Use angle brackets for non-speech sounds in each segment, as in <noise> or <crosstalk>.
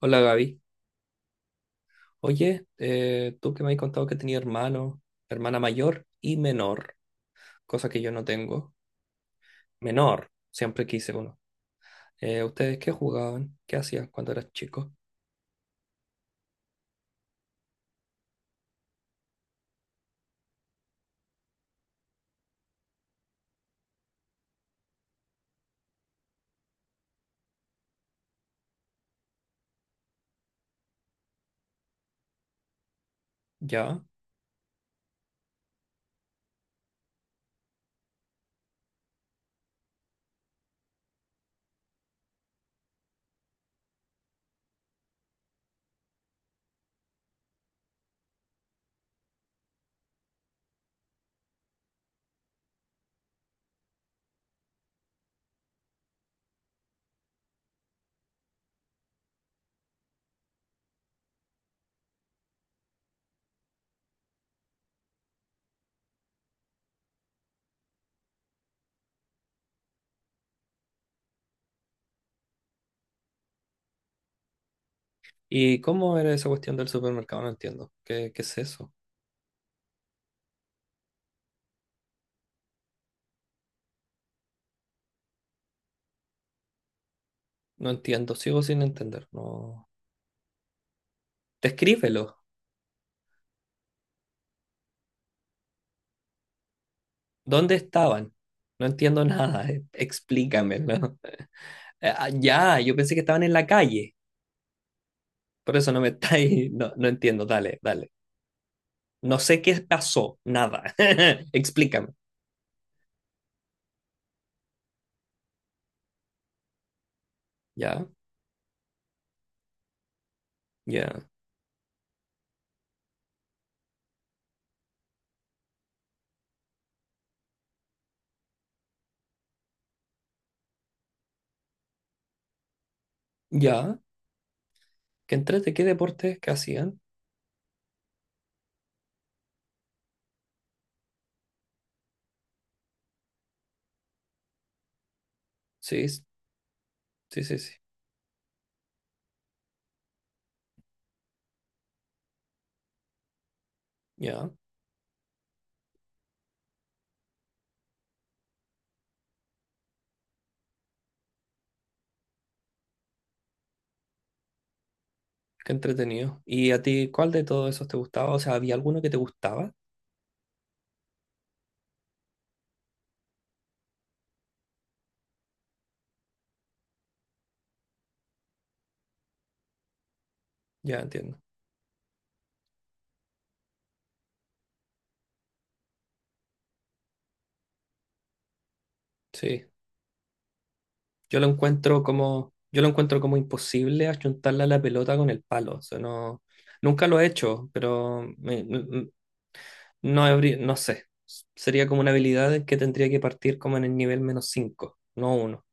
Hola Gaby. Oye, tú que me has contado que tenía hermano, hermana mayor y menor, cosa que yo no tengo. Menor, siempre quise uno. ¿Ustedes qué jugaban? ¿Qué hacían cuando eras chico? ¿Ya? ¿Y cómo era esa cuestión del supermercado? No entiendo. ¿Qué es eso? No entiendo, sigo sin entender. No. Descríbelo. ¿Dónde estaban? No entiendo nada. Explícamelo. <laughs> Ah, ya, yo pensé que estaban en la calle. Por eso no me <laughs> estáis. No, no entiendo. Dale, dale. No sé qué pasó, nada. <laughs> Explícame. Ya, ya, ya. Qué deportes que hacían. Sí, sí, sí, sí. Ya, qué entretenido. ¿Y a ti cuál de todos esos te gustaba? O sea, ¿había alguno que te gustaba? Ya entiendo. Sí. Yo lo encuentro como imposible achuntarle a la pelota con el palo. O sea, no, nunca lo he hecho, pero no, no sé. Sería como una habilidad que tendría que partir como en el nivel menos 5, no uno.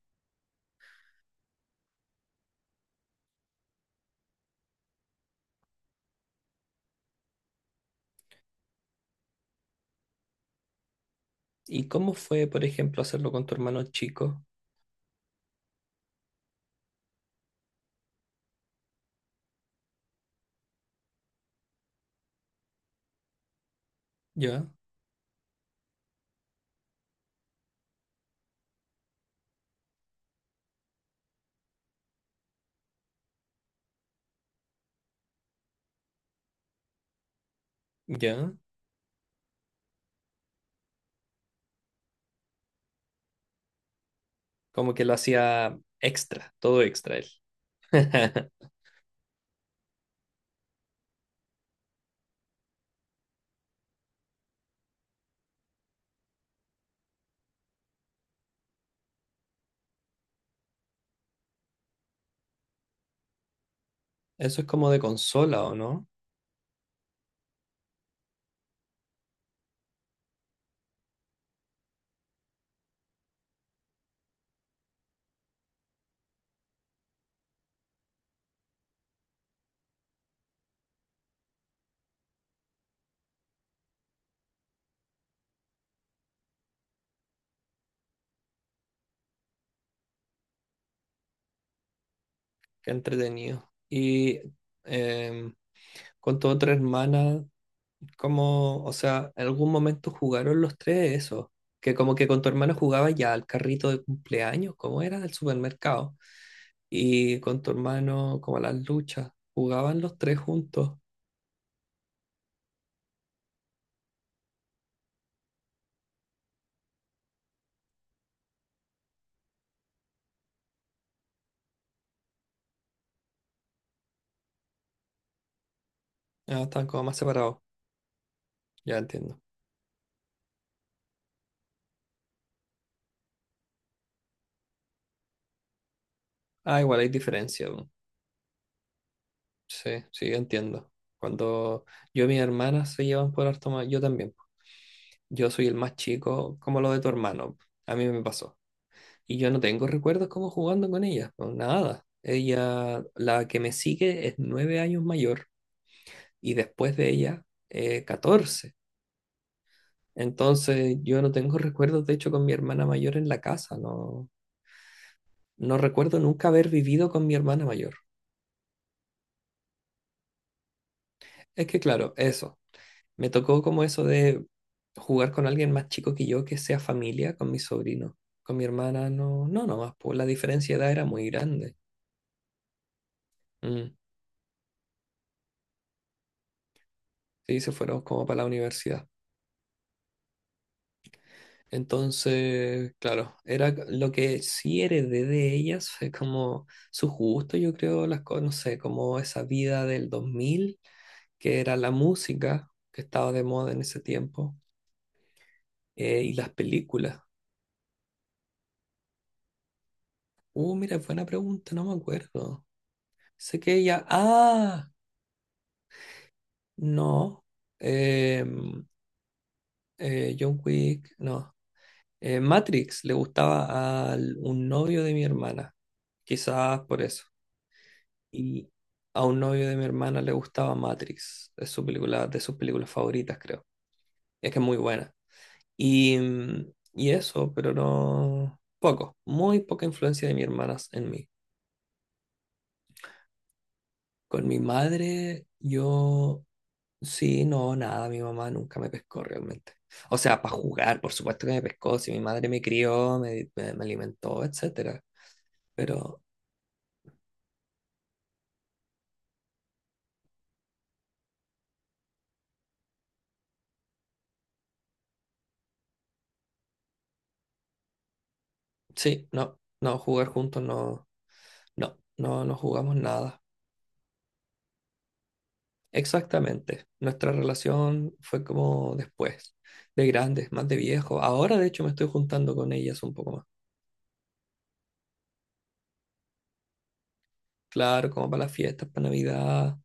¿Y cómo fue, por ejemplo, hacerlo con tu hermano chico? Ya, ya. Como que lo hacía extra, todo extra él. <laughs> Eso es como de consola, ¿o no? Qué entretenido. Y em, con tu otra hermana, ¿cómo, o sea, en algún momento jugaron los tres eso? Que como que con tu hermana jugaba ya al carrito de cumpleaños, ¿cómo era? Del supermercado. Y con tu hermano, como a las luchas, jugaban los tres juntos. Ah, estaban como más separados. Ya entiendo. Ah, igual hay diferencia, po. Sí, sí, entiendo. Cuando yo y mis hermanas se llevan por harto más, yo también. Yo soy el más chico, como lo de tu hermano. A mí me pasó. Y yo no tengo recuerdos como jugando con ella, no, nada. Ella, la que me sigue es 9 años mayor y después de ella, 14. Entonces yo no tengo recuerdos, de hecho, con mi hermana mayor en la casa. No, no recuerdo nunca haber vivido con mi hermana mayor. Es que claro, eso. Me tocó como eso de jugar con alguien más chico que yo que sea familia, con mi sobrino. Con mi hermana no, no, no más pues la diferencia de edad era muy grande. Mm. Sí, se fueron como para la universidad. Entonces, claro, era lo que sí heredé de ellas, fue como su gusto, yo creo, las cosas, no sé, como esa vida del 2000 que era la música que estaba de moda en ese tiempo, y las películas. Mira, buena pregunta, no me acuerdo. Sé que ella, no. Eh, John Wick, no. Matrix le gustaba a un novio de mi hermana. Quizás por eso. Y a un novio de mi hermana le gustaba Matrix. Es su película, de sus películas favoritas, creo. Es que es muy buena. Y eso, pero no. Poco. Muy poca influencia de mi hermana en mí. Con mi madre, yo Sí, no, nada, mi mamá nunca me pescó realmente. O sea, para jugar, por supuesto que me pescó, si mi madre me crió, me alimentó, etcétera. Pero sí, no, no, jugar juntos no, no, no, no jugamos nada. Exactamente. Nuestra relación fue como después, de grandes, más de viejo. Ahora, de hecho, me estoy juntando con ellas un poco más. Claro, como para las fiestas, para Navidad,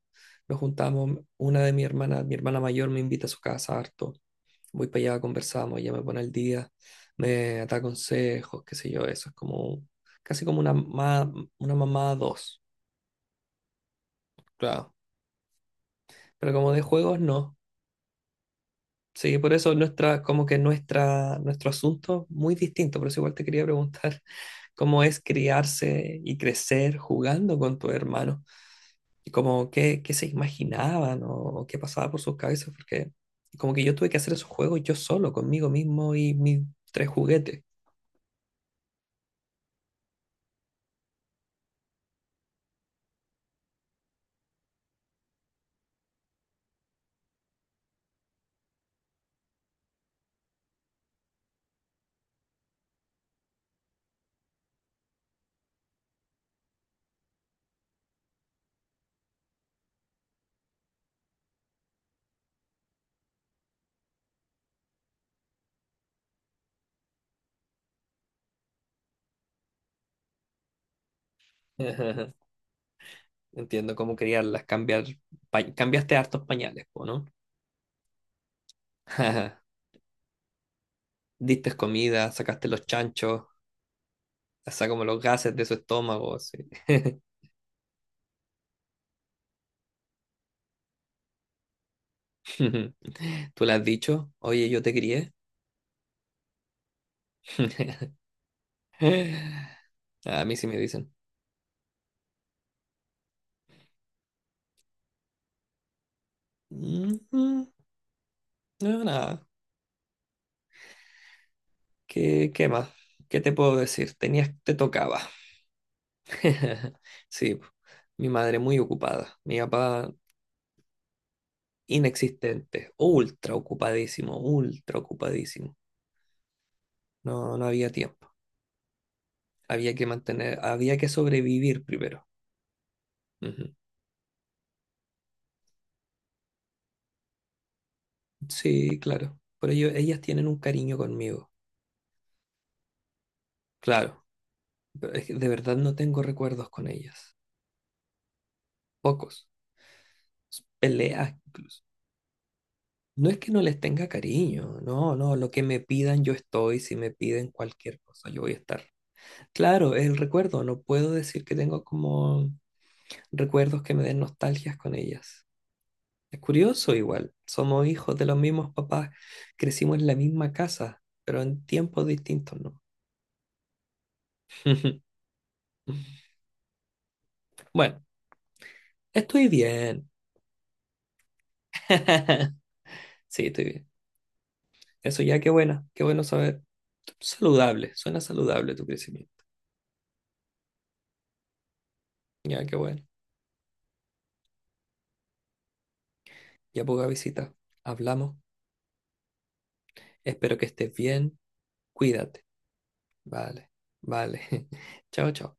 nos juntamos. Una de mi hermana mayor me invita a su casa harto. Voy para allá, conversamos, ella me pone al día, me da consejos, qué sé yo, eso es como casi como una mamá dos, claro. Pero como de juegos, no. Sí, por eso nuestra, como que nuestra, nuestro asunto es muy distinto, por eso igual te quería preguntar <laughs> cómo es criarse y crecer jugando con tu hermano, y como qué se imaginaban o qué pasaba por sus cabezas, porque como que yo tuve que hacer esos juegos yo solo, conmigo mismo y mis tres juguetes. <laughs> Entiendo cómo criarlas, cambiar, cambiaste hartos pañales, po, ¿no? <laughs> Diste comida, sacaste los chanchos, hasta como los gases de su estómago, sí. <laughs> ¿Tú le has dicho? Oye, yo te crié. <laughs> A mí sí me dicen. Ujú. No, nada. ¿Qué más? ¿Qué te puedo decir? Tenías, te tocaba. <laughs> Sí, po. Mi madre muy ocupada, mi papá inexistente, ultra ocupadísimo, ultra ocupadísimo. No, no había tiempo. Había que mantener, había que sobrevivir primero. Ujú. Sí, claro. Por ello, ellas tienen un cariño conmigo. Claro. Pero es que de verdad no tengo recuerdos con ellas. Pocos. Peleas incluso. No es que no les tenga cariño. No, no. Lo que me pidan, yo estoy. Si me piden cualquier cosa, yo voy a estar. Claro, es el recuerdo. No puedo decir que tengo como recuerdos que me den nostalgias con ellas. Es curioso igual, somos hijos de los mismos papás, crecimos en la misma casa, pero en tiempos distintos, ¿no? <laughs> Bueno, estoy bien. <laughs> Sí, estoy bien. Eso ya, qué bueno saber. Saludable, suena saludable tu crecimiento. Ya, qué bueno. Ya poca visita. Hablamos. Espero que estés bien. Cuídate. Vale, vale. <laughs> Chao, chao.